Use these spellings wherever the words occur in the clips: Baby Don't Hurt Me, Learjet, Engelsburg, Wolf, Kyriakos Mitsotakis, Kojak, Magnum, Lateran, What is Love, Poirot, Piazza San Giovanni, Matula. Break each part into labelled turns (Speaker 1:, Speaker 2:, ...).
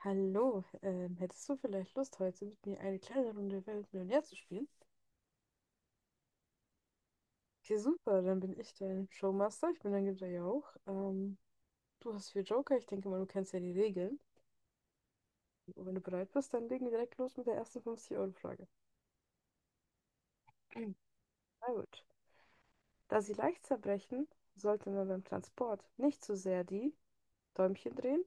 Speaker 1: Hallo, hättest du vielleicht Lust, heute mit mir eine kleine Runde Wer wird Millionär zu spielen? Okay, super, dann bin ich dein Showmaster. Ich bin dein Gitter ja auch. Du hast vier Joker, ich denke mal, du kennst ja die Regeln. Und wenn du bereit bist, dann legen wir direkt los mit der ersten 50-Euro-Frage. Na gut. Da sie leicht zerbrechen, sollte man beim Transport nicht zu sehr die Däumchen drehen,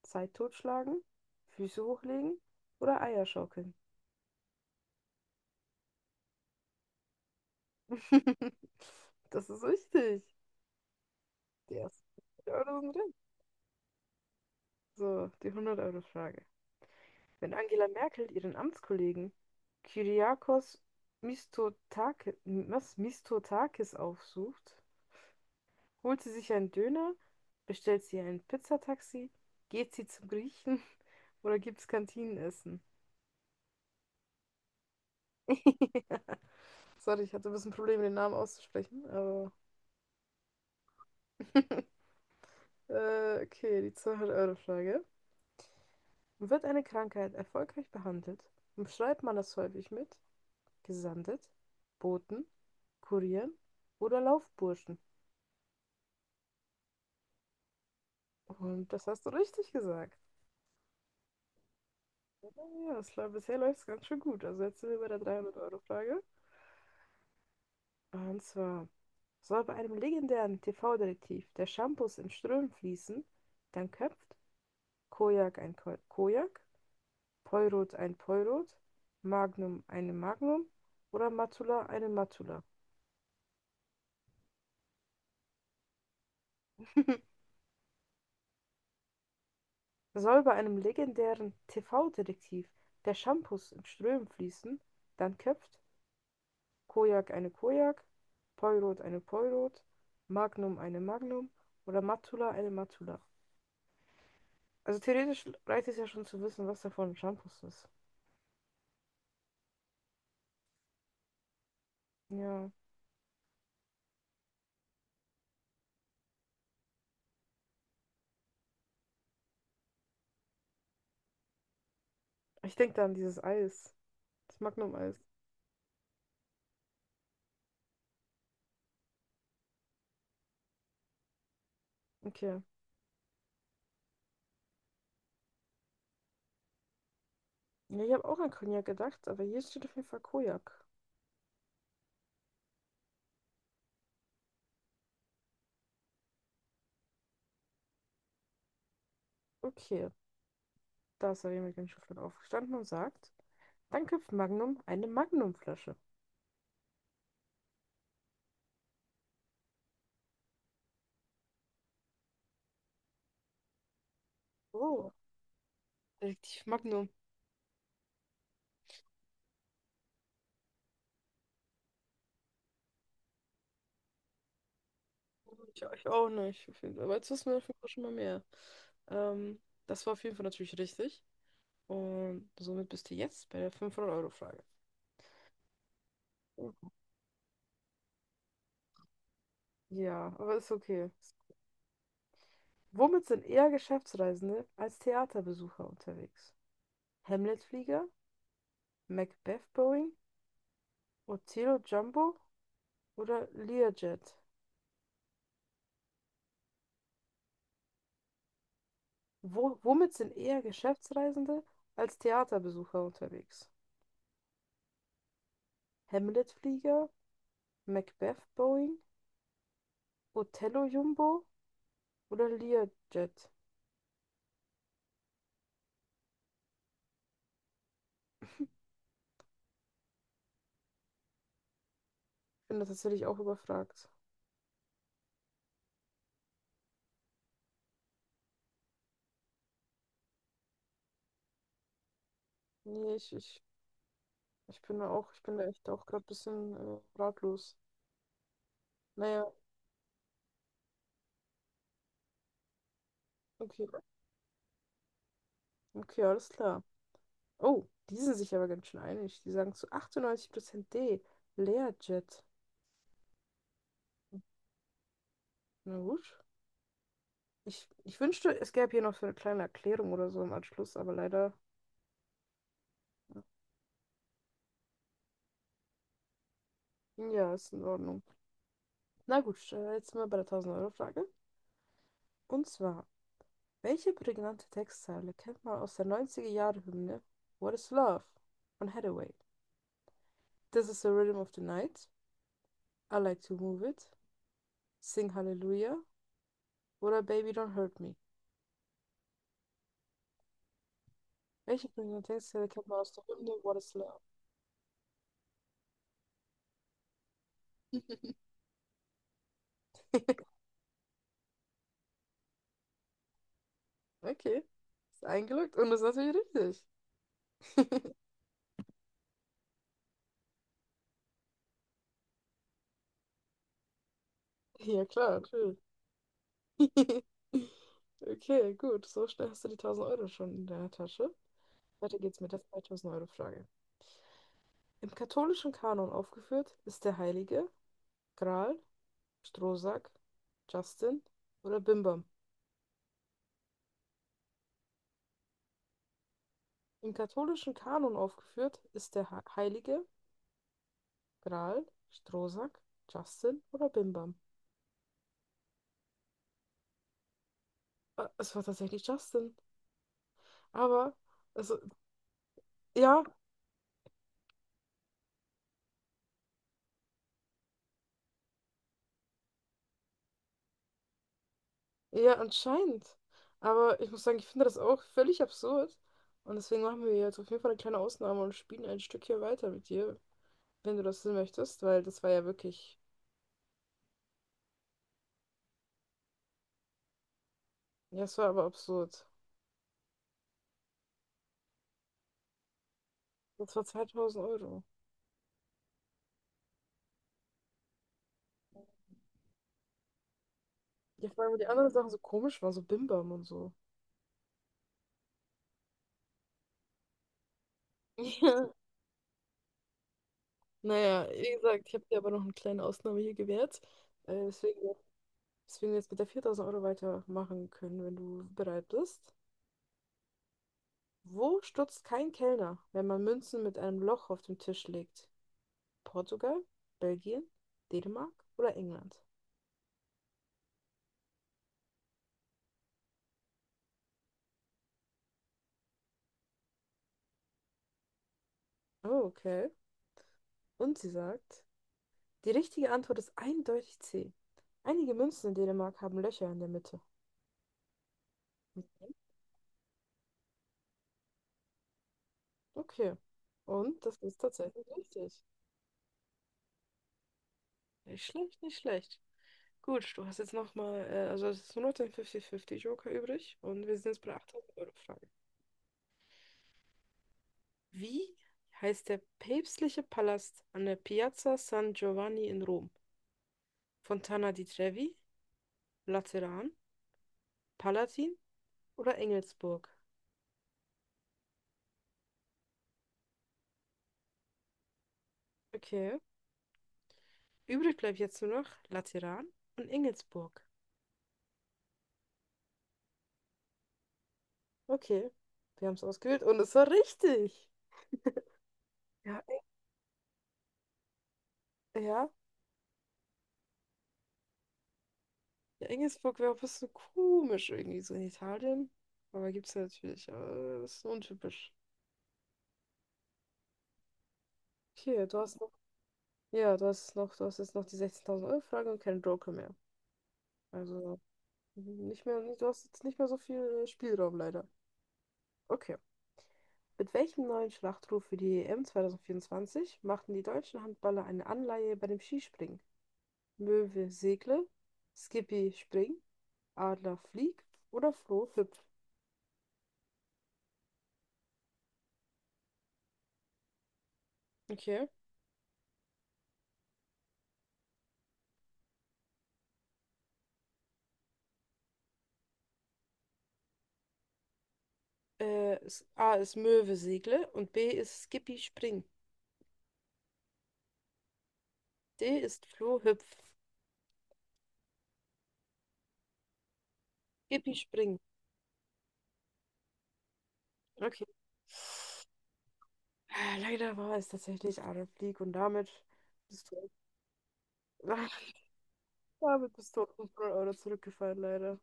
Speaker 1: Zeit totschlagen, Füße hochlegen oder Eier schaukeln. Das ist richtig. Die ersten 50 Euro sind. So, die 100 Euro Frage. Wenn Angela Merkel ihren Amtskollegen Kyriakos Mitsotakis aufsucht, holt sie sich einen Döner, bestellt sie ein Pizzataxi, geht sie zum Griechen oder gibt's Kantinenessen? Sorry, ich hatte ein bisschen Probleme, den Namen auszusprechen, aber okay, die 200 Euro Frage. Wird eine Krankheit erfolgreich behandelt, umschreibt man das häufig mit Gesandet, Boten, Kurieren oder Laufburschen. Und das hast du richtig gesagt. Ja, bisher läuft es ganz schön gut. Also jetzt sind wir bei der 300-Euro-Frage. Und zwar soll bei einem legendären TV-Detektiv der Shampoos in Strömen fließen, dann köpft Kojak ein Ko Kojak, Poirot ein Poirot, Magnum eine Magnum oder Matula eine Matula. Soll bei einem legendären TV-Detektiv der Shampoos in Strömen fließen, dann köpft Kojak eine Kojak, Poirot eine Poirot, Magnum eine Magnum oder Matula eine Matula. Also theoretisch reicht es ja schon zu wissen, was davon ein Shampoos ist. Ja, ich denke da an dieses Eis, das Magnum-Eis. Okay. Ja, ich habe auch an Cognac gedacht, aber hier steht auf jeden Fall Kojak. Okay, da ist er mit dem Schiffler aufgestanden und sagt, dann köpft Magnum eine Magnumflasche. Oh, Detektiv Magnum. Ich auch nicht. Auf jeden Fall. Aber jetzt wissen wir auf jeden Fall schon mal mehr. Ähm, das war auf jeden Fall natürlich richtig. Und somit bist du jetzt bei der 500 Euro Frage. Ja, aber ist okay. Womit sind eher Geschäftsreisende als Theaterbesucher unterwegs? Hamlet-Flieger, Macbeth-Boeing, Otelo Jumbo oder Learjet? Womit sind eher Geschäftsreisende als Theaterbesucher unterwegs? Hamlet-Flieger, Macbeth-Boeing, Otello Jumbo oder Learjet? Ich bin da tatsächlich auch überfragt. Nee, ich bin da auch, ich bin da echt auch gerade ein bisschen ratlos. Naja, okay. Okay, alles klar. Oh, die sind sich aber ganz schön einig. Die sagen zu 98% D. Learjet. Na gut. Ich wünschte, es gäbe hier noch so eine kleine Erklärung oder so im Anschluss, aber leider, ja, ist in Ordnung. Na gut, jetzt sind wir bei der 1000-Euro-Frage. Und zwar, welche prägnante Textzeile kennt man aus der 90er Jahre Hymne What is Love von Hathaway? This is the rhythm of the night, I like to move it, Sing Hallelujah oder Baby Don't Hurt Me? Welche prägnante Textzeile kennt man aus der Hymne What is Love? Okay, ist eingeloggt und ist natürlich richtig. Ja, klar, natürlich. Okay, gut, so schnell hast du die 1.000 Euro schon in deiner Tasche. Weiter geht's mit der 2.000 Euro Frage. Im katholischen Kanon aufgeführt ist der Heilige Gral, Strohsack, Justin oder Bimbam. Im katholischen Kanon aufgeführt ist der Heilige Gral, Strohsack, Justin oder Bimbam. Es war tatsächlich Justin. Aber, also, ja, ja, anscheinend. Aber ich muss sagen, ich finde das auch völlig absurd. Und deswegen machen wir jetzt auf jeden Fall eine kleine Ausnahme und spielen ein Stückchen weiter mit dir, wenn du das denn möchtest, weil das war ja wirklich, ja, es war aber absurd. Das war 2.000 Euro. Ja, vor allem, weil die anderen Sachen so komisch waren, so Bimbam und so. Ja. Naja, wie gesagt, ich habe dir aber noch eine kleine Ausnahme hier gewährt. Äh, deswegen, deswegen jetzt mit der 4.000 Euro weitermachen können, wenn du bereit bist. Wo stutzt kein Kellner, wenn man Münzen mit einem Loch auf den Tisch legt? Portugal, Belgien, Dänemark oder England? Oh, okay. Und sie sagt, die richtige Antwort ist eindeutig C. Einige Münzen in Dänemark haben Löcher in der Mitte. Mhm. Okay. Und das ist tatsächlich richtig. Nicht schlecht, nicht schlecht. Gut, du hast jetzt nochmal, also es ist nur noch dein 50-50 Joker übrig und wir sind jetzt bei der 800-Euro-Frage. Wie heißt der päpstliche Palast an der Piazza San Giovanni in Rom? Fontana di Trevi, Lateran, Palatin oder Engelsburg? Okay. Übrig bleibt jetzt nur noch Lateran und Engelsburg. Okay, wir haben es ausgewählt und es war richtig. Ja, ja. Ja, Engelsburg wäre auch ein bisschen komisch irgendwie so in Italien. Aber gibt's ja natürlich. Aber das ist untypisch. Okay, du hast noch, ja, du hast jetzt noch die 16.000-Euro-Frage und keinen Joker mehr. Also nicht mehr, du hast jetzt nicht mehr so viel Spielraum leider. Okay. Mit welchem neuen Schlachtruf für die EM 2024 machten die deutschen Handballer eine Anleihe bei dem Skispringen? Möwe segle, Skippy spring, Adler flieg oder Froh hüpf? Okay. A ist Möwe segle und B ist Skippy Spring. D ist Floh hüpf. Skippy Spring. Okay. Ah, leider war es tatsächlich Adolf Blick und damit bist du, damit bist du auf 500 Euro zurückgefallen, leider.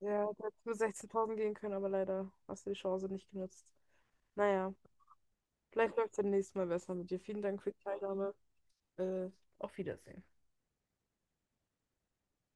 Speaker 1: Ja, du hättest nur 16.000 gehen können, aber leider hast du die Chance nicht genutzt. Naja, vielleicht läuft es beim nächsten Mal besser mit dir. Vielen Dank für die Teilnahme. Äh, auf Wiedersehen.